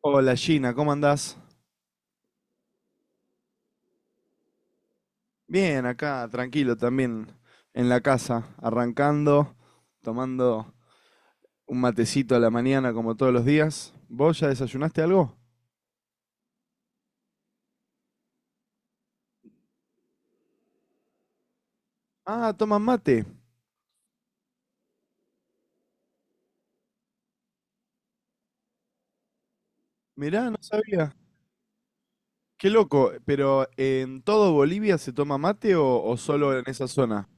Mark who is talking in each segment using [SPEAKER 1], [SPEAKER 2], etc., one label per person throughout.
[SPEAKER 1] Hola Gina, ¿cómo andás? Bien, acá, tranquilo también, en la casa, arrancando, tomando un matecito a la mañana como todos los días. ¿Vos ya desayunaste algo? Ah, toman mate. Mirá, no sabía. Qué loco, pero ¿en todo Bolivia se toma mate o solo en esa zona?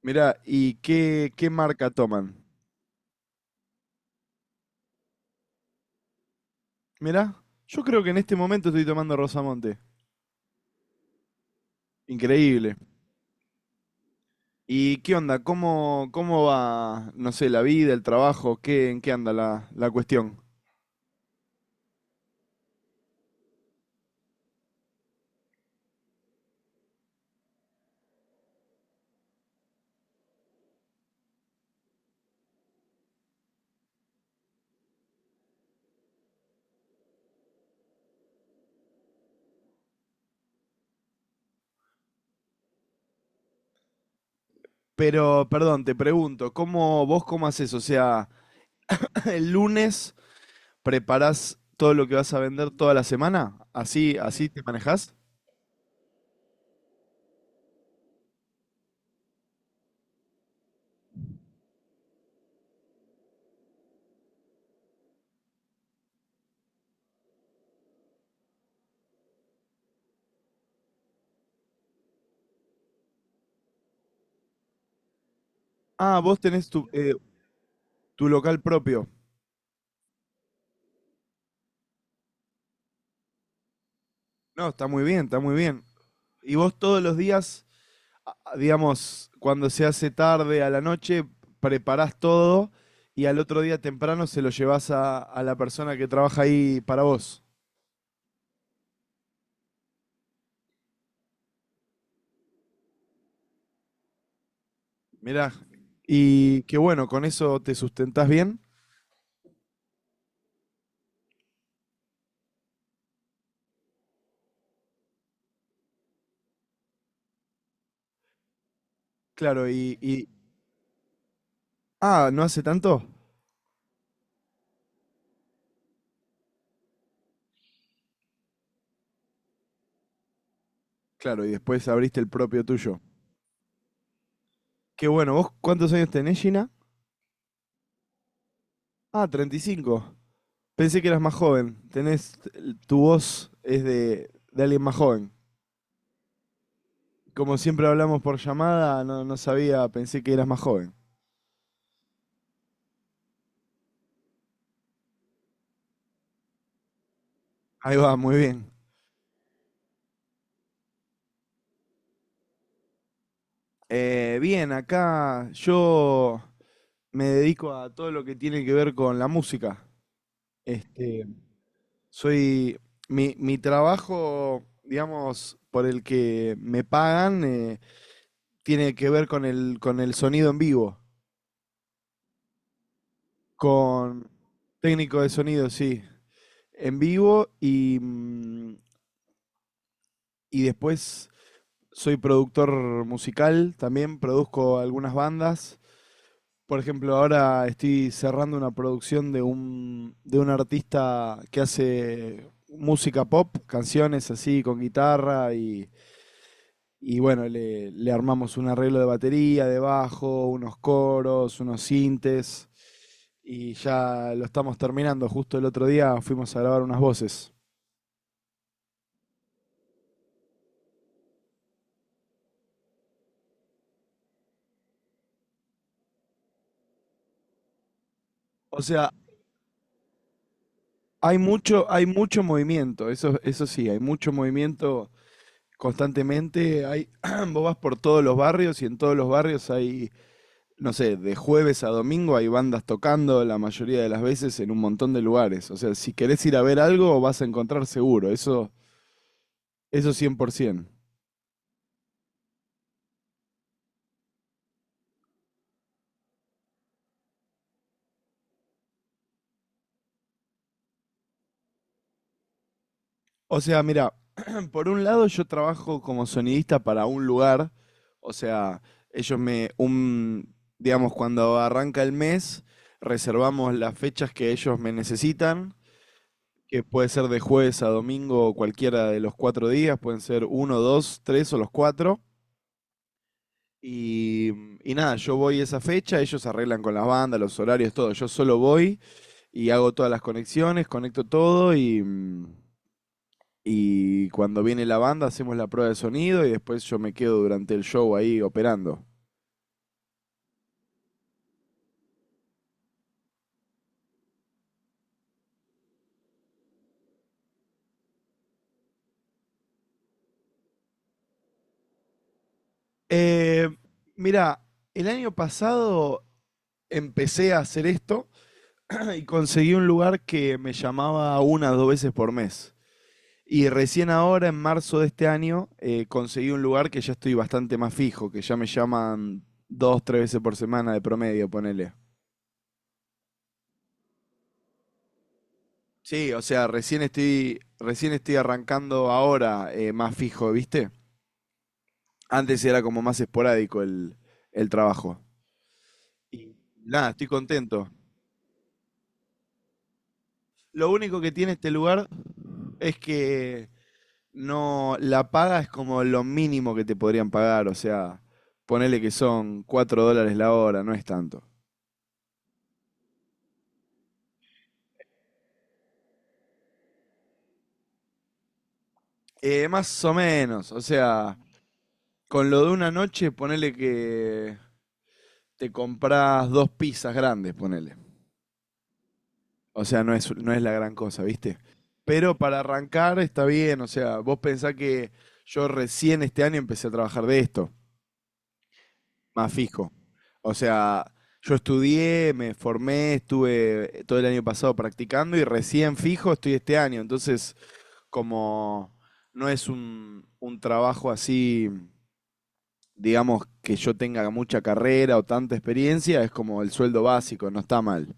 [SPEAKER 1] Mirá, ¿y qué marca toman? Mirá, yo creo que en este momento estoy tomando Rosamonte. Increíble. ¿Y qué onda? ¿Cómo va, no sé, la vida, el trabajo? ¿Qué, en qué anda la cuestión? Pero, perdón, te pregunto, ¿cómo vos cómo haces? O sea, el lunes preparás todo lo que vas a vender toda la semana, así, así te manejás. Ah, vos tenés tu, tu local propio. No, está muy bien, está muy bien. ¿Y vos todos los días digamos, cuando se hace tarde a la noche, preparás todo y al otro día temprano se lo llevas a la persona que trabaja ahí para vos. Mirá, y qué bueno, con eso te sustentás bien. Claro, y... Ah, ¿no hace tanto? Claro, y después abriste el propio tuyo. Qué bueno, ¿vos cuántos años tenés, Gina? Ah, treinta y cinco. Pensé que eras más joven. Tenés, tu voz es de alguien más joven. Como siempre hablamos por llamada, no, no sabía, pensé que eras más joven. Ahí va, muy bien. Bien, acá yo me dedico a todo lo que tiene que ver con la música. Este, soy mi, mi trabajo, digamos, por el que me pagan, tiene que ver con el sonido en vivo, con técnico de sonido, sí, en vivo y, y después soy productor musical, también produzco algunas bandas. Por ejemplo, ahora estoy cerrando una producción de un artista que hace música pop, canciones así con guitarra y bueno, le armamos un arreglo de batería, de bajo, unos coros, unos sintes y ya lo estamos terminando. Justo el otro día fuimos a grabar unas voces. O sea, hay mucho movimiento, eso sí, hay mucho movimiento constantemente. Hay, vos vas por todos los barrios y en todos los barrios hay no sé, de jueves a domingo hay bandas tocando la mayoría de las veces en un montón de lugares. O sea, si querés ir a ver algo, vas a encontrar seguro. Eso 100%. O sea, mira, por un lado yo trabajo como sonidista para un lugar. O sea, ellos me, un, digamos, cuando arranca el mes, reservamos las fechas que ellos me necesitan. Que puede ser de jueves a domingo o cualquiera de los cuatro días, pueden ser uno, dos, tres o los cuatro. Y, y nada, yo voy esa fecha, ellos arreglan con las bandas, los horarios, todo. Yo solo voy y hago todas las conexiones, conecto todo y, y cuando viene la banda hacemos la prueba de sonido y después yo me quedo durante el show ahí operando. Eh, Mira, el año pasado empecé a hacer esto y conseguí un lugar que me llamaba una o dos veces por mes. Y recién ahora, en marzo de este año, conseguí un lugar que ya estoy bastante más fijo, que ya me llaman dos, tres veces por semana de promedio, ponele. Sí, o sea, recién estoy arrancando ahora más fijo, ¿viste? Antes era como más esporádico el trabajo. Y nada, estoy contento. Lo único que tiene este lugar es que no, la paga es como lo mínimo que te podrían pagar, o sea, ponele que son 4 dólares la hora, no es tanto. Más o menos, o sea, con lo de una noche, ponele que te compras dos pizzas grandes, ponele. O sea, no es la gran cosa, ¿viste? Pero para arrancar está bien, o sea, vos pensás que yo recién este año empecé a trabajar de esto, más fijo. O sea, yo estudié, me formé, estuve todo el año pasado practicando y recién fijo estoy este año. Entonces, como no es un trabajo así digamos, que yo tenga mucha carrera o tanta experiencia, es como el sueldo básico, no está mal.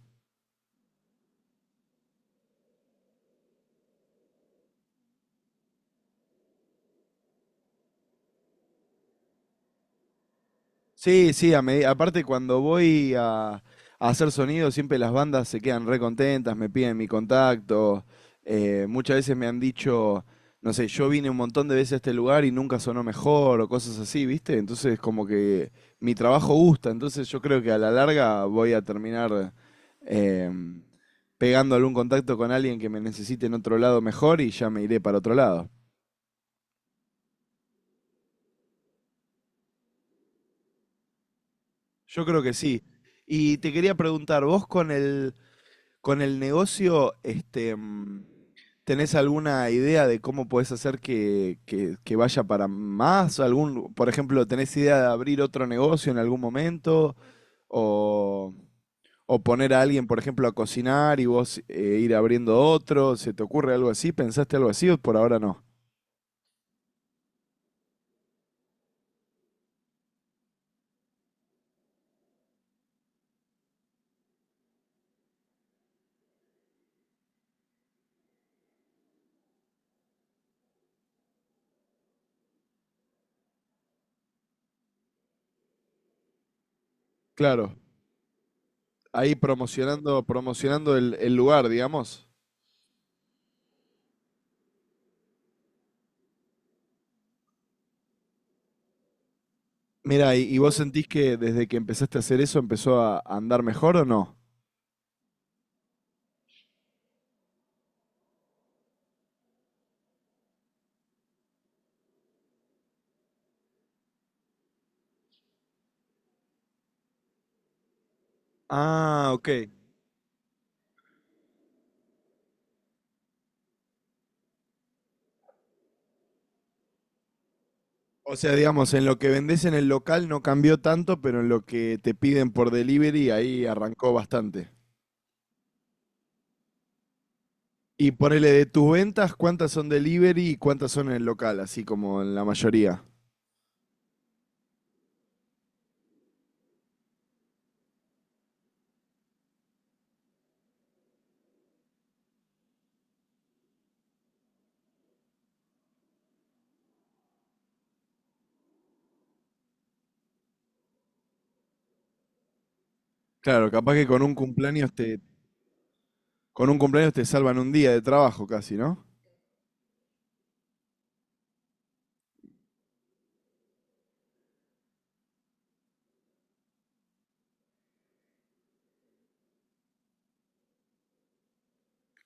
[SPEAKER 1] Sí, sí, a medi- aparte cuando voy a hacer sonido, siempre las bandas se quedan re contentas, me piden mi contacto. Muchas veces me han dicho, no sé, yo vine un montón de veces a este lugar y nunca sonó mejor o cosas así, ¿viste? Entonces como que mi trabajo gusta, entonces yo creo que a la larga voy a terminar em, pegando algún contacto con alguien que me necesite en otro lado mejor y ya me iré para otro lado. Yo creo que sí. Y te quería preguntar, vos con el... Con el negocio, este, ¿tenés alguna idea de cómo podés hacer que vaya para más? ¿Algún, por ejemplo, tenés idea de abrir otro negocio en algún momento? ¿O, o poner a alguien, por ejemplo, a cocinar y vos ir abriendo otro? ¿Se te ocurre algo así? ¿Pensaste algo así o por ahora no? Claro, ahí promocionando, promocionando el lugar, digamos. Mira, y vos sentís que desde que empezaste a hacer eso empezó a andar mejor o no? Ah, ok. O sea, digamos, en lo que vendés en el local no cambió tanto, pero en lo que te piden por delivery ahí arrancó bastante. Y ponele de tus ventas, ¿cuántas son delivery y cuántas son en el local? Así como en la mayoría. Claro, capaz que con un cumpleaños te, con un cumpleaños te salvan un día de trabajo casi, ¿no?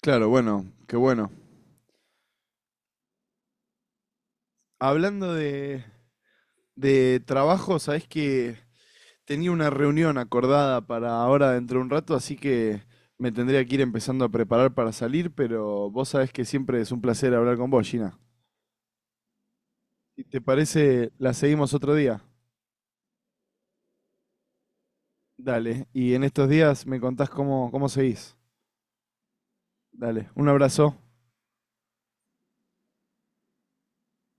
[SPEAKER 1] Claro, bueno, qué bueno. Hablando de trabajo, ¿sabés que tenía una reunión acordada para ahora dentro de un rato, así que me tendría que ir empezando a preparar para salir, pero vos sabés que siempre es un placer hablar con vos, Gina? Si te parece, la seguimos otro día. Dale, y en estos días me contás cómo, cómo seguís. Dale, un abrazo.